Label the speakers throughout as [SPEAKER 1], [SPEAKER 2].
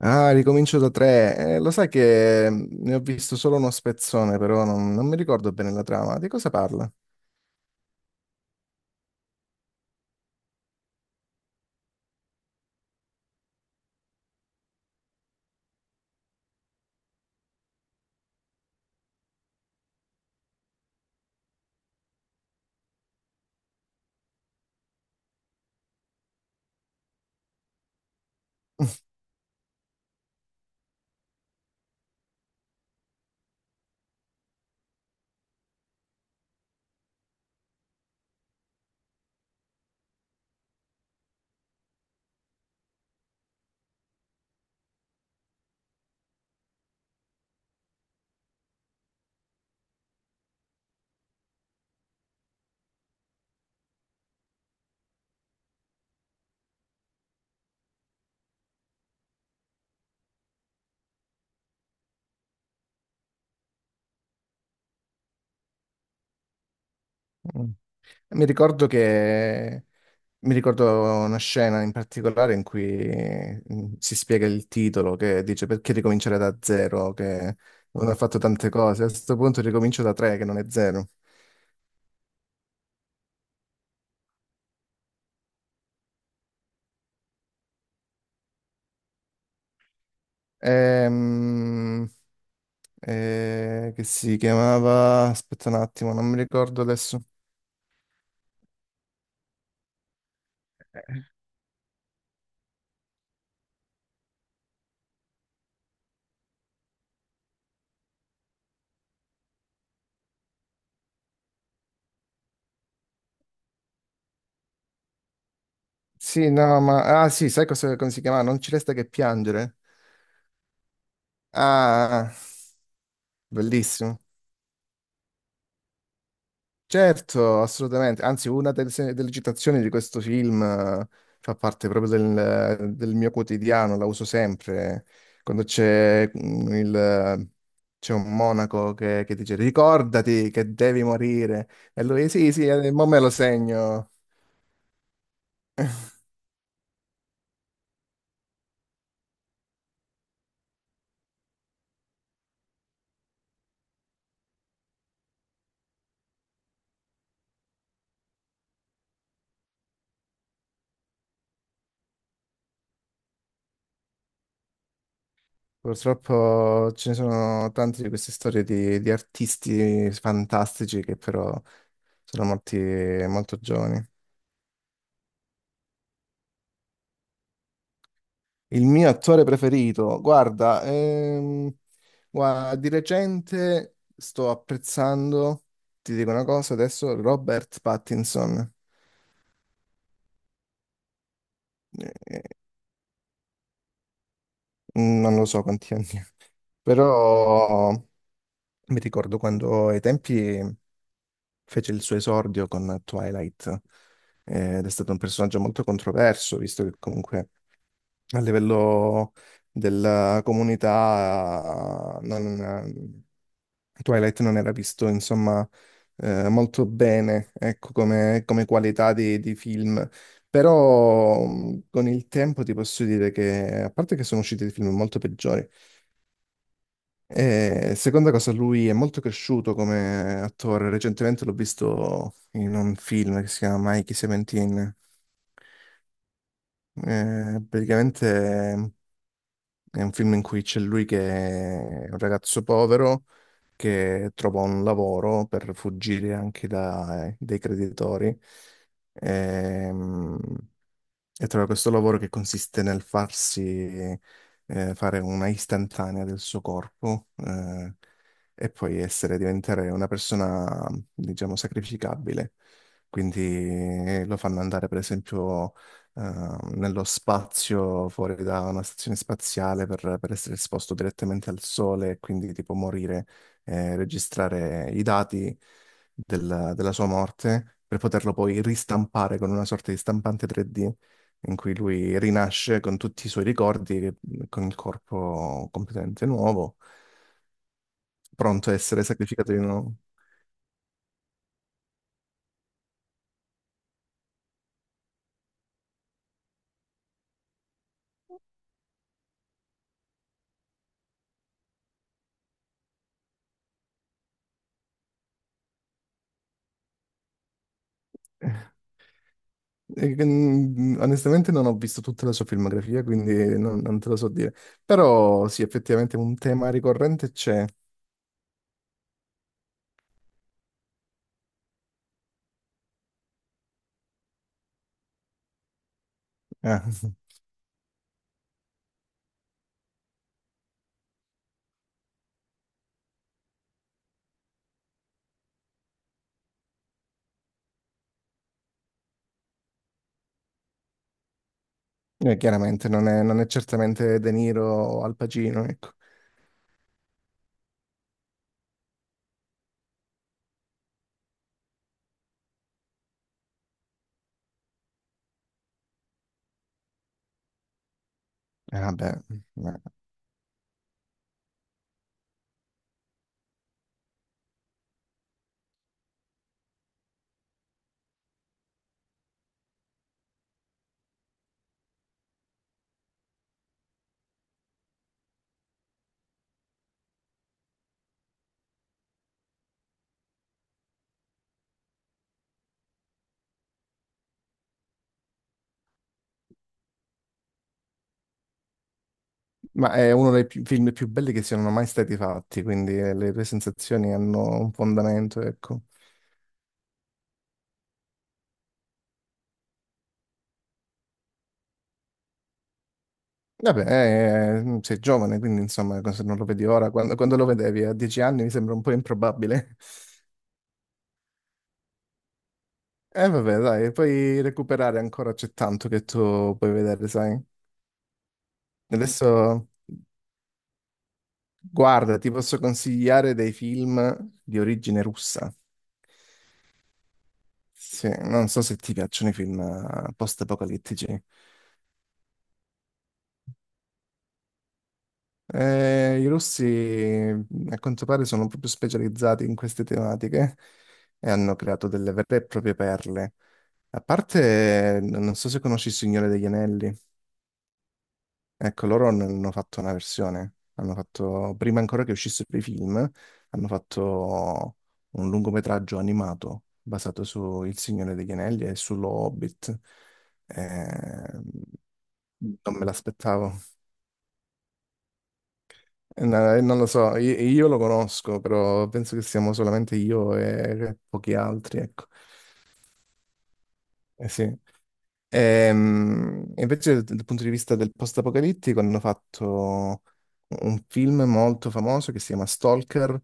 [SPEAKER 1] Ah, ricomincio da tre. Lo sai che ne ho visto solo uno spezzone, però non mi ricordo bene la trama. Di cosa parla? Mm. Mi ricordo che... Mi ricordo una scena in particolare in cui si spiega il titolo, che dice perché ricominciare da zero, che non ho fatto tante cose. A questo punto ricomincio da tre, che non è zero. Ehm, che si chiamava... Aspetta un attimo, non mi ricordo adesso. Sì, no, ma... Ah, sì, sai cosa, come si chiama? Non ci resta che piangere. Ah, bellissimo. Certo, assolutamente. Anzi, una delle, delle citazioni di questo film fa parte proprio del, del mio quotidiano, la uso sempre. Quando c'è il... C'è un monaco che dice ricordati che devi morire. E lui, sì, sì, mo me lo segno. Purtroppo ce ne sono tante di queste storie di artisti fantastici che però sono morti molto giovani. Il mio attore preferito, guarda, di recente sto apprezzando, ti dico una cosa adesso, Robert Pattinson. Eh, Non lo so quanti anni ha, però mi ricordo quando ai tempi fece il suo esordio con Twilight, ed è stato un personaggio molto controverso, visto che comunque a livello della comunità Twilight non era visto, insomma, molto bene, ecco, come, come qualità di film. Però con il tempo ti posso dire che, a parte che sono usciti dei film molto peggiori, e seconda cosa, lui è molto cresciuto come attore. Recentemente l'ho visto in un film che si chiama Mikey Seventeen. Praticamente è un film in cui c'è lui che è un ragazzo povero che trova un lavoro per fuggire anche dai creditori. Ehm, e trova questo lavoro che consiste nel farsi fare una istantanea del suo corpo, e poi essere, diventare una persona, diciamo, sacrificabile. Quindi lo fanno andare, per esempio, nello spazio fuori da una stazione spaziale per essere esposto direttamente al sole e quindi tipo morire, registrare i dati della sua morte per poterlo poi ristampare con una sorta di stampante 3D in cui lui rinasce con tutti i suoi ricordi, con il corpo completamente nuovo, pronto a essere sacrificato di nuovo. E, onestamente non ho visto tutta la sua filmografia, quindi non te lo so dire. Però sì, effettivamente un tema ricorrente c'è. Eh, chiaramente non è certamente De Niro o Al Pacino, ecco. Vabbè, eh. Ma è uno dei film più belli che siano mai stati fatti, quindi le tue sensazioni hanno un fondamento, ecco. Vabbè, sei giovane, quindi insomma, se non lo vedi ora, quando, quando lo vedevi a 10 anni mi sembra un po' improbabile. E vabbè, dai, puoi recuperare ancora, c'è tanto che tu puoi vedere, sai? Adesso, guarda, ti posso consigliare dei film di origine russa. Sì, non so se ti piacciono i film post-apocalittici. I russi a quanto pare sono proprio specializzati in queste tematiche e hanno creato delle vere e proprie perle. A parte, non so se conosci Il Signore degli Anelli, ecco, loro ne hanno fatto una versione, hanno fatto, prima ancora che uscissero i film, hanno fatto un lungometraggio animato basato su Il Signore degli Anelli e sullo Hobbit. Eh, non me l'aspettavo. No, non lo so, io lo conosco, però penso che siamo solamente io e pochi altri, ecco. Eh sì. Invece dal punto di vista del post-apocalittico hanno fatto un film molto famoso che si chiama Stalker,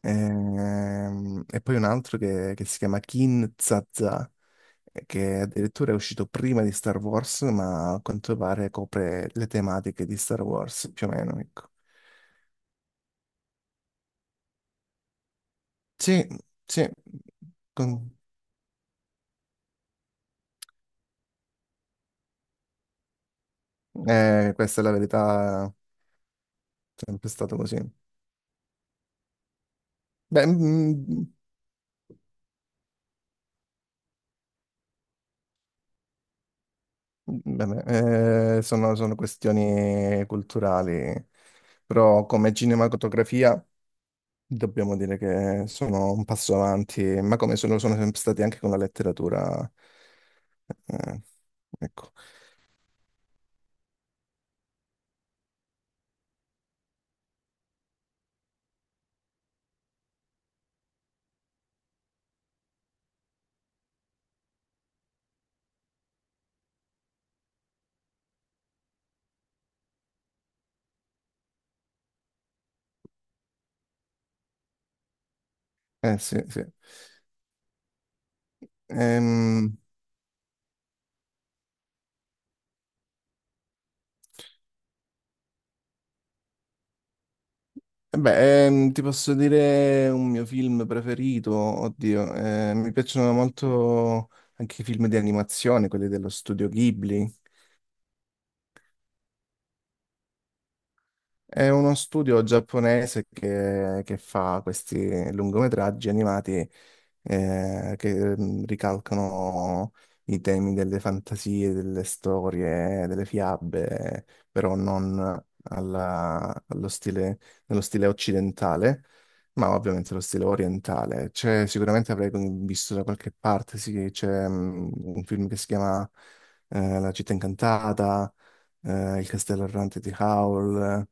[SPEAKER 1] e poi un altro che si chiama Kin Zaza, che addirittura è uscito prima di Star Wars, ma a quanto pare copre le tematiche di Star Wars, più o meno, ecco. Sì, sì, con- questa è la verità, è sempre stato così. Beh, vabbè, sono, sono questioni culturali, però come cinematografia dobbiamo dire che sono un passo avanti, ma come sono, sono sempre stati anche con la letteratura. eh, ecco, sì, sì. Ehm, E beh, ti posso dire un mio film preferito, oddio, mi piacciono molto anche i film di animazione, quelli dello studio Ghibli. È uno studio giapponese che fa questi lungometraggi animati che ricalcano i temi delle fantasie, delle storie, delle fiabe, però non allo stile, nello stile occidentale, ma ovviamente lo stile orientale. C'è, sicuramente avrei visto da qualche parte, sì, c'è un film che si chiama La città incantata, Il castello errante di Howl.